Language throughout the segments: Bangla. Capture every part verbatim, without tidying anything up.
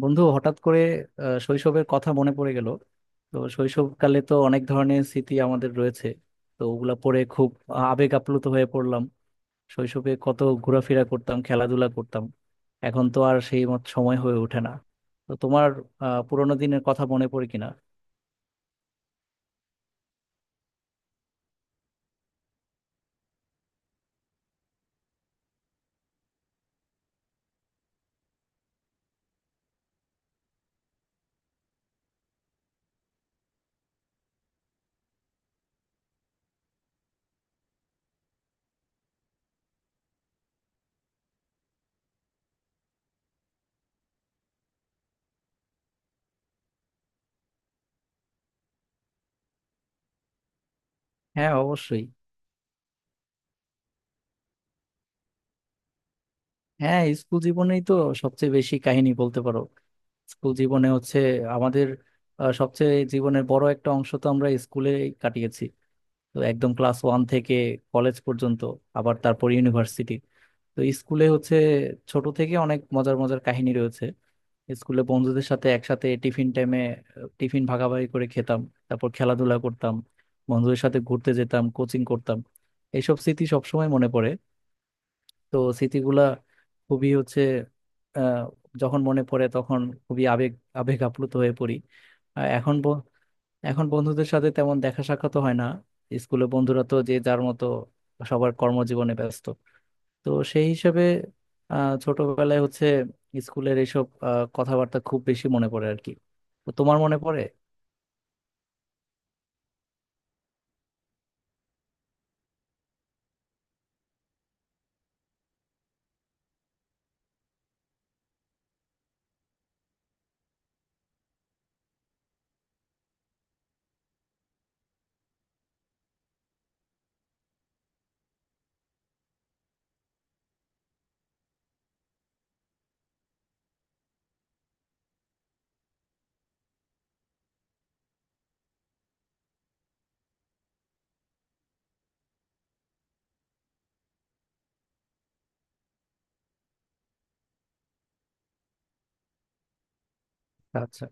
বন্ধু হঠাৎ করে আহ, শৈশবের কথা মনে পড়ে গেল। তো শৈশবকালে তো অনেক ধরনের স্মৃতি আমাদের রয়েছে। তো ওগুলা পড়ে খুব আবেগ আপ্লুত হয়ে পড়লাম। শৈশবে কত ঘোরাফেরা করতাম, খেলাধুলা করতাম, এখন তো আর সেই মত সময় হয়ে ওঠে না। তো তোমার আহ পুরোনো দিনের কথা মনে পড়ে কিনা? হ্যাঁ, অবশ্যই। হ্যাঁ, স্কুল জীবনেই তো সবচেয়ে বেশি কাহিনী বলতে পারো। স্কুল জীবনে হচ্ছে আমাদের আহ, সবচেয়ে জীবনের বড় একটা অংশ তো আমরা স্কুলে কাটিয়েছি। তো একদম ক্লাস ওয়ান থেকে কলেজ পর্যন্ত, আবার তারপর ইউনিভার্সিটি। তো স্কুলে হচ্ছে ছোট থেকে অনেক মজার মজার কাহিনী রয়েছে। স্কুলে বন্ধুদের সাথে একসাথে টিফিন টাইমে টিফিন ভাগাভাগি করে খেতাম। তারপর খেলাধুলা করতাম, বন্ধুদের সাথে ঘুরতে যেতাম, কোচিং করতাম। এইসব স্মৃতি সবসময় মনে পড়ে। তো স্মৃতিগুলা খুবই হচ্ছে আহ, যখন মনে পড়ে তখন খুবই আবেগ আবেগ আপ্লুত হয়ে পড়ি। আর এখন ব- এখন বন্ধুদের সাথে তেমন দেখা সাক্ষাৎ হয় না। স্কুলে বন্ধুরা তো যে যার মতো সবার কর্মজীবনে ব্যস্ত। তো সেই হিসাবে আহ, ছোটবেলায় হচ্ছে স্কুলের এইসব আহ, কথাবার্তা খুব বেশি মনে পড়ে আর কি। তো তোমার মনে পড়ে? আচ্ছা।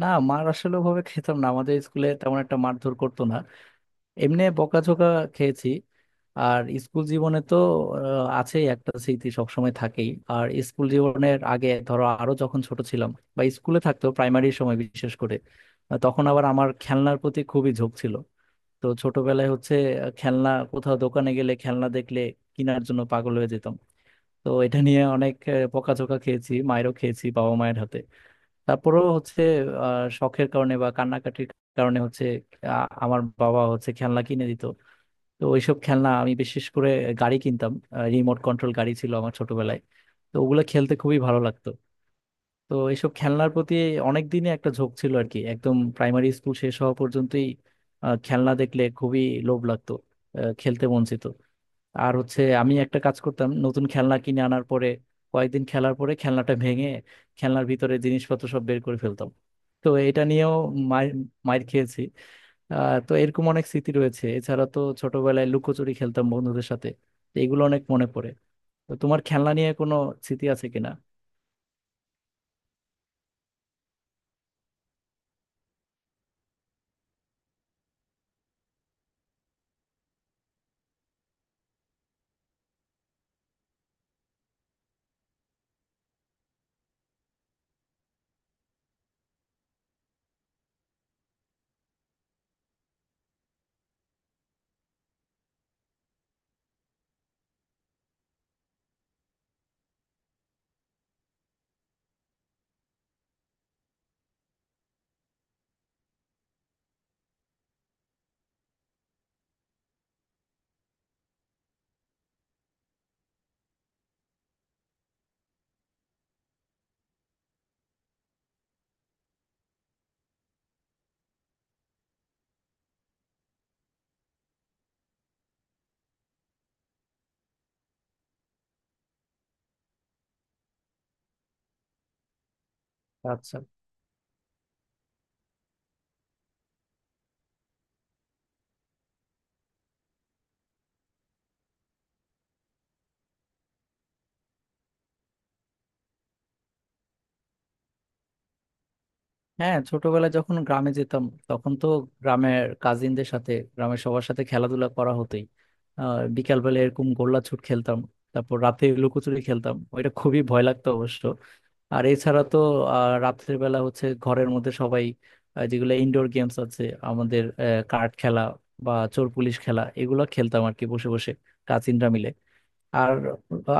না, মার আসলে ভাবে খেতাম না, আমাদের স্কুলে তেমন একটা মারধর করতো না। এমনি বকাঝকা খেয়েছি। আর স্কুল জীবনে তো আহ, আছেই একটা স্মৃতি সবসময় থাকেই। আর স্কুল জীবনের আগে ধরো, আরো যখন ছোট ছিলাম বা স্কুলে থাকতো প্রাইমারি সময় বিশেষ করে, আহ, তখন আবার আমার খেলনার প্রতি খুবই ঝোঁক ছিল। তো ছোটবেলায় হচ্ছে আহ, খেলনা কোথাও দোকানে গেলে, খেলনা দেখলে কেনার জন্য পাগল হয়ে যেতাম। তো এটা নিয়ে অনেক আহ, বকাঝকা খেয়েছি মায়েরও, খেয়েছি বাবা মায়ের হাতে। তারপরেও হচ্ছে আহ শখের কারণে বা কান্নাকাটির কারণে হচ্ছে আহ, আমার বাবা হচ্ছে খেলনা কিনে দিত। তো ওইসব খেলনা আমি বিশেষ করে গাড়ি কিনতাম। রিমোট কন্ট্রোল গাড়ি ছিল আমার ছোটবেলায়। তো ওগুলো খেলতে খুবই ভালো লাগতো। তো এইসব খেলনার প্রতি অনেক দিনই একটা ঝোঁক ছিল আর কি, একদম প্রাইমারি স্কুল শেষ হওয়া পর্যন্তই। আহ, খেলনা দেখলে খুবই লোভ লাগতো, আহ, খেলতে মন চেত। আর হচ্ছে আমি একটা কাজ করতাম, নতুন খেলনা কিনে আনার পরে কয়েকদিন খেলার পরে খেলনাটা ভেঙে খেলনার ভিতরে জিনিসপত্র সব বের করে ফেলতাম। তো এটা নিয়েও মার মার খেয়েছি। আহ তো এরকম অনেক স্মৃতি রয়েছে। এছাড়া তো ছোটবেলায় লুকোচুরি খেলতাম বন্ধুদের সাথে। তো এগুলো অনেক মনে পড়ে। তো তোমার খেলনা নিয়ে কোনো স্মৃতি আছে কিনা? আচ্ছা। হ্যাঁ, ছোটবেলায় যখন গ্রামে যেতাম, তখন তো গ্রামের কাজিনদের সাথে, গ্রামের সবার সাথে খেলাধুলা করা হতোই। আহ বিকালবেলা এরকম গোল্লাছুট খেলতাম, তারপর রাতে লুকোচুরি খেলতাম, ওইটা খুবই ভয় লাগতো অবশ্য। আর এছাড়া তো আহ, রাত্রের বেলা হচ্ছে ঘরের মধ্যে সবাই আহ, যেগুলো ইনডোর গেমস আছে আমাদের, কার্ড খেলা বা চোর পুলিশ খেলা এগুলো খেলতাম আর কি, বসে বসে কাজিনরা মিলে। আর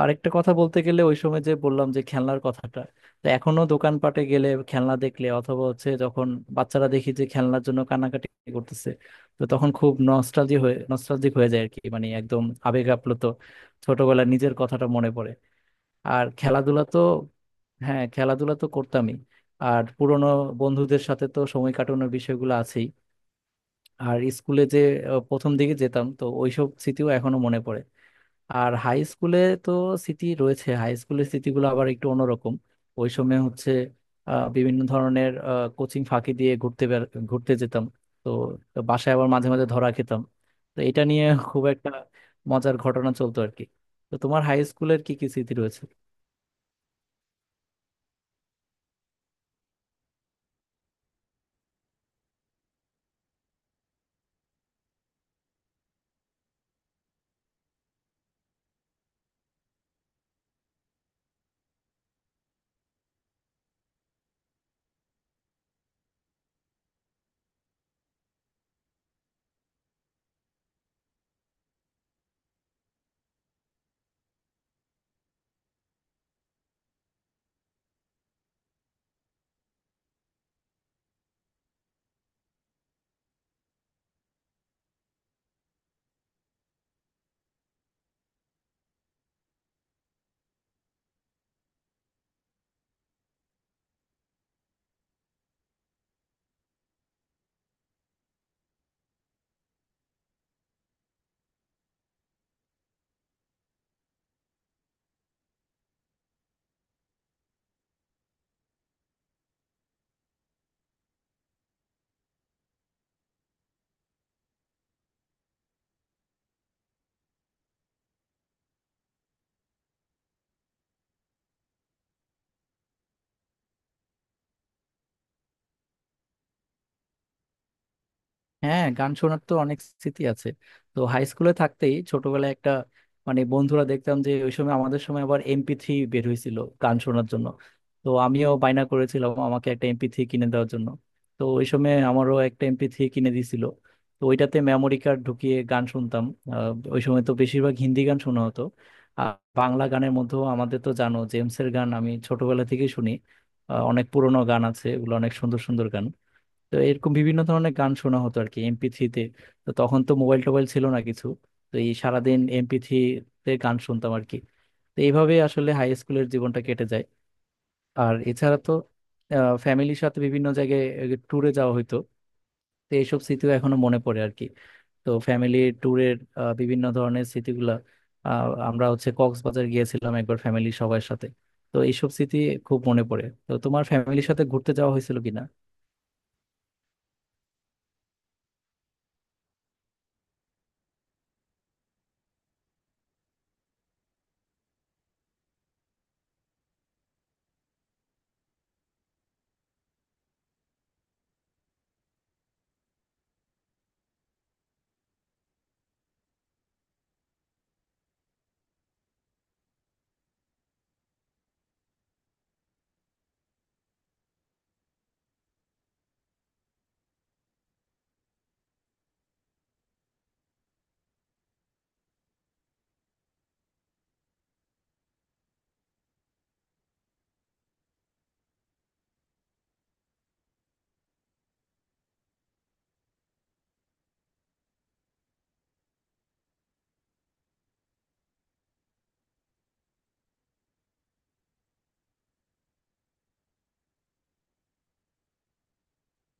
আরেকটা কথা বলতে গেলে, ওই সময় যে বললাম যে খেলনার কথাটা, তো এখনো দোকানপাটে গেলে খেলনা দেখলে, অথবা হচ্ছে যখন বাচ্চারা দেখি যে খেলনার জন্য কান্নাকাটি করতেছে, তো তখন খুব নস্টালজি হয়ে নস্টালজিক হয়ে যায় আর কি। মানে একদম আবেগ আপ্লুত, ছোটবেলার নিজের কথাটা মনে পড়ে। আর খেলাধুলা তো, হ্যাঁ, খেলাধুলা তো করতামই। আর পুরনো বন্ধুদের সাথে তো সময় কাটানোর বিষয়গুলো আছেই। আর স্কুলে যে আহ, প্রথম দিকে যেতাম, তো ওইসব স্মৃতিও এখনো মনে পড়ে। আর হাই স্কুলে তো স্মৃতি রয়েছে, হাই স্কুলের স্মৃতিগুলো আবার একটু অন্যরকম। ওই সময় হচ্ছে আহ, বিভিন্ন ধরনের কোচিং ফাঁকি দিয়ে ঘুরতে বের- ঘুরতে যেতাম। তো বাসায় আবার মাঝে মাঝে ধরা খেতাম। তো এটা নিয়ে খুব একটা মজার ঘটনা চলতো আর কি। তো তোমার হাই স্কুলের কি কি স্মৃতি রয়েছে? হ্যাঁ, গান শোনার তো অনেক স্মৃতি আছে। তো হাই স্কুলে থাকতেই ছোটবেলায় একটা, মানে বন্ধুরা দেখতাম যে ওই সময়, আমাদের সময় আবার এমপি থ্রি বের হয়েছিল গান শোনার জন্য। তো আমিও বায়না করেছিলাম আমাকে একটা এমপি থ্রি কিনে দেওয়ার জন্য। তো ওই সময় আমারও একটা এমপি থ্রি কিনে দিয়েছিল। তো ওইটাতে মেমোরি কার্ড ঢুকিয়ে গান শুনতাম। আহ, ওই সময় তো বেশিরভাগ হিন্দি গান শোনা হতো। আর বাংলা গানের মধ্যেও আমাদের তো, জানো, জেমসের গান আমি ছোটবেলা থেকেই শুনি। আহ, অনেক পুরোনো গান আছে, ওগুলো অনেক সুন্দর সুন্দর গান। তো এরকম বিভিন্ন ধরনের গান শোনা হতো আর কি এমপি থ্রিতে। তো তখন তো মোবাইল টোবাইল ছিল না কিছু। তো এই সারাদিন এমপি থ্রিতে গান শুনতাম আর কি। তো এইভাবে আসলে হাই স্কুলের জীবনটা কেটে যায়। আর এছাড়া তো ফ্যামিলির সাথে বিভিন্ন জায়গায় ট্যুরে যাওয়া হতো। তো এইসব স্মৃতিও এখনো মনে পড়ে আর কি। তো ফ্যামিলি ট্যুরের বিভিন্ন ধরনের স্মৃতিগুলা, আহ, আমরা হচ্ছে কক্সবাজার গিয়েছিলাম একবার ফ্যামিলি সবার সাথে। তো এইসব স্মৃতি খুব মনে পড়ে। তো তোমার ফ্যামিলির সাথে ঘুরতে যাওয়া হয়েছিল কিনা?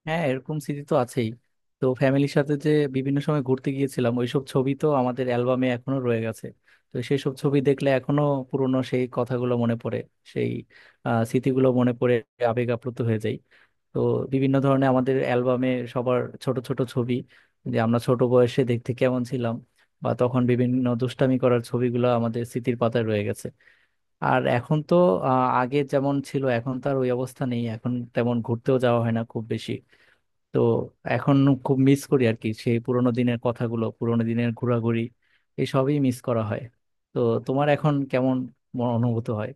হ্যাঁ, এরকম স্মৃতি তো আছেই। তো ফ্যামিলির সাথে যে বিভিন্ন সময় ঘুরতে গিয়েছিলাম ওইসব ছবি তো আমাদের অ্যালবামে এখনো রয়ে গেছে। তো সেই সব ছবি দেখলে এখনো পুরনো সেই কথাগুলো মনে পড়ে, সেই আহ, স্মৃতিগুলো মনে পড়ে, আবেগ আপ্লুত হয়ে যায়। তো বিভিন্ন ধরনের আমাদের অ্যালবামে সবার ছোট ছোট ছবি, যে আমরা ছোট বয়সে দেখতে কেমন ছিলাম, বা তখন বিভিন্ন দুষ্টামি করার ছবিগুলো আমাদের স্মৃতির পাতায় রয়ে গেছে। আর এখন তো আহ, আগে যেমন ছিল এখন তো আর ওই অবস্থা নেই, এখন তেমন ঘুরতেও যাওয়া হয় না খুব বেশি। তো এখন খুব মিস করি আর কি সেই পুরোনো দিনের কথাগুলো, পুরোনো দিনের ঘোরাঘুরি, এসবই মিস করা হয়। তো তোমার এখন কেমন মন- অনুভূত হয়?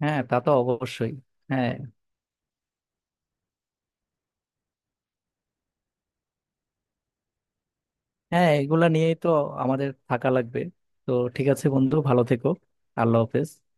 হ্যাঁ, তা তো অবশ্যই। হ্যাঁ। হ্যাঁ, এগুলা নিয়েই তো আমাদের থাকা লাগবে। তো ঠিক আছে বন্ধু, ভালো থেকো। আল্লাহ হাফেজ।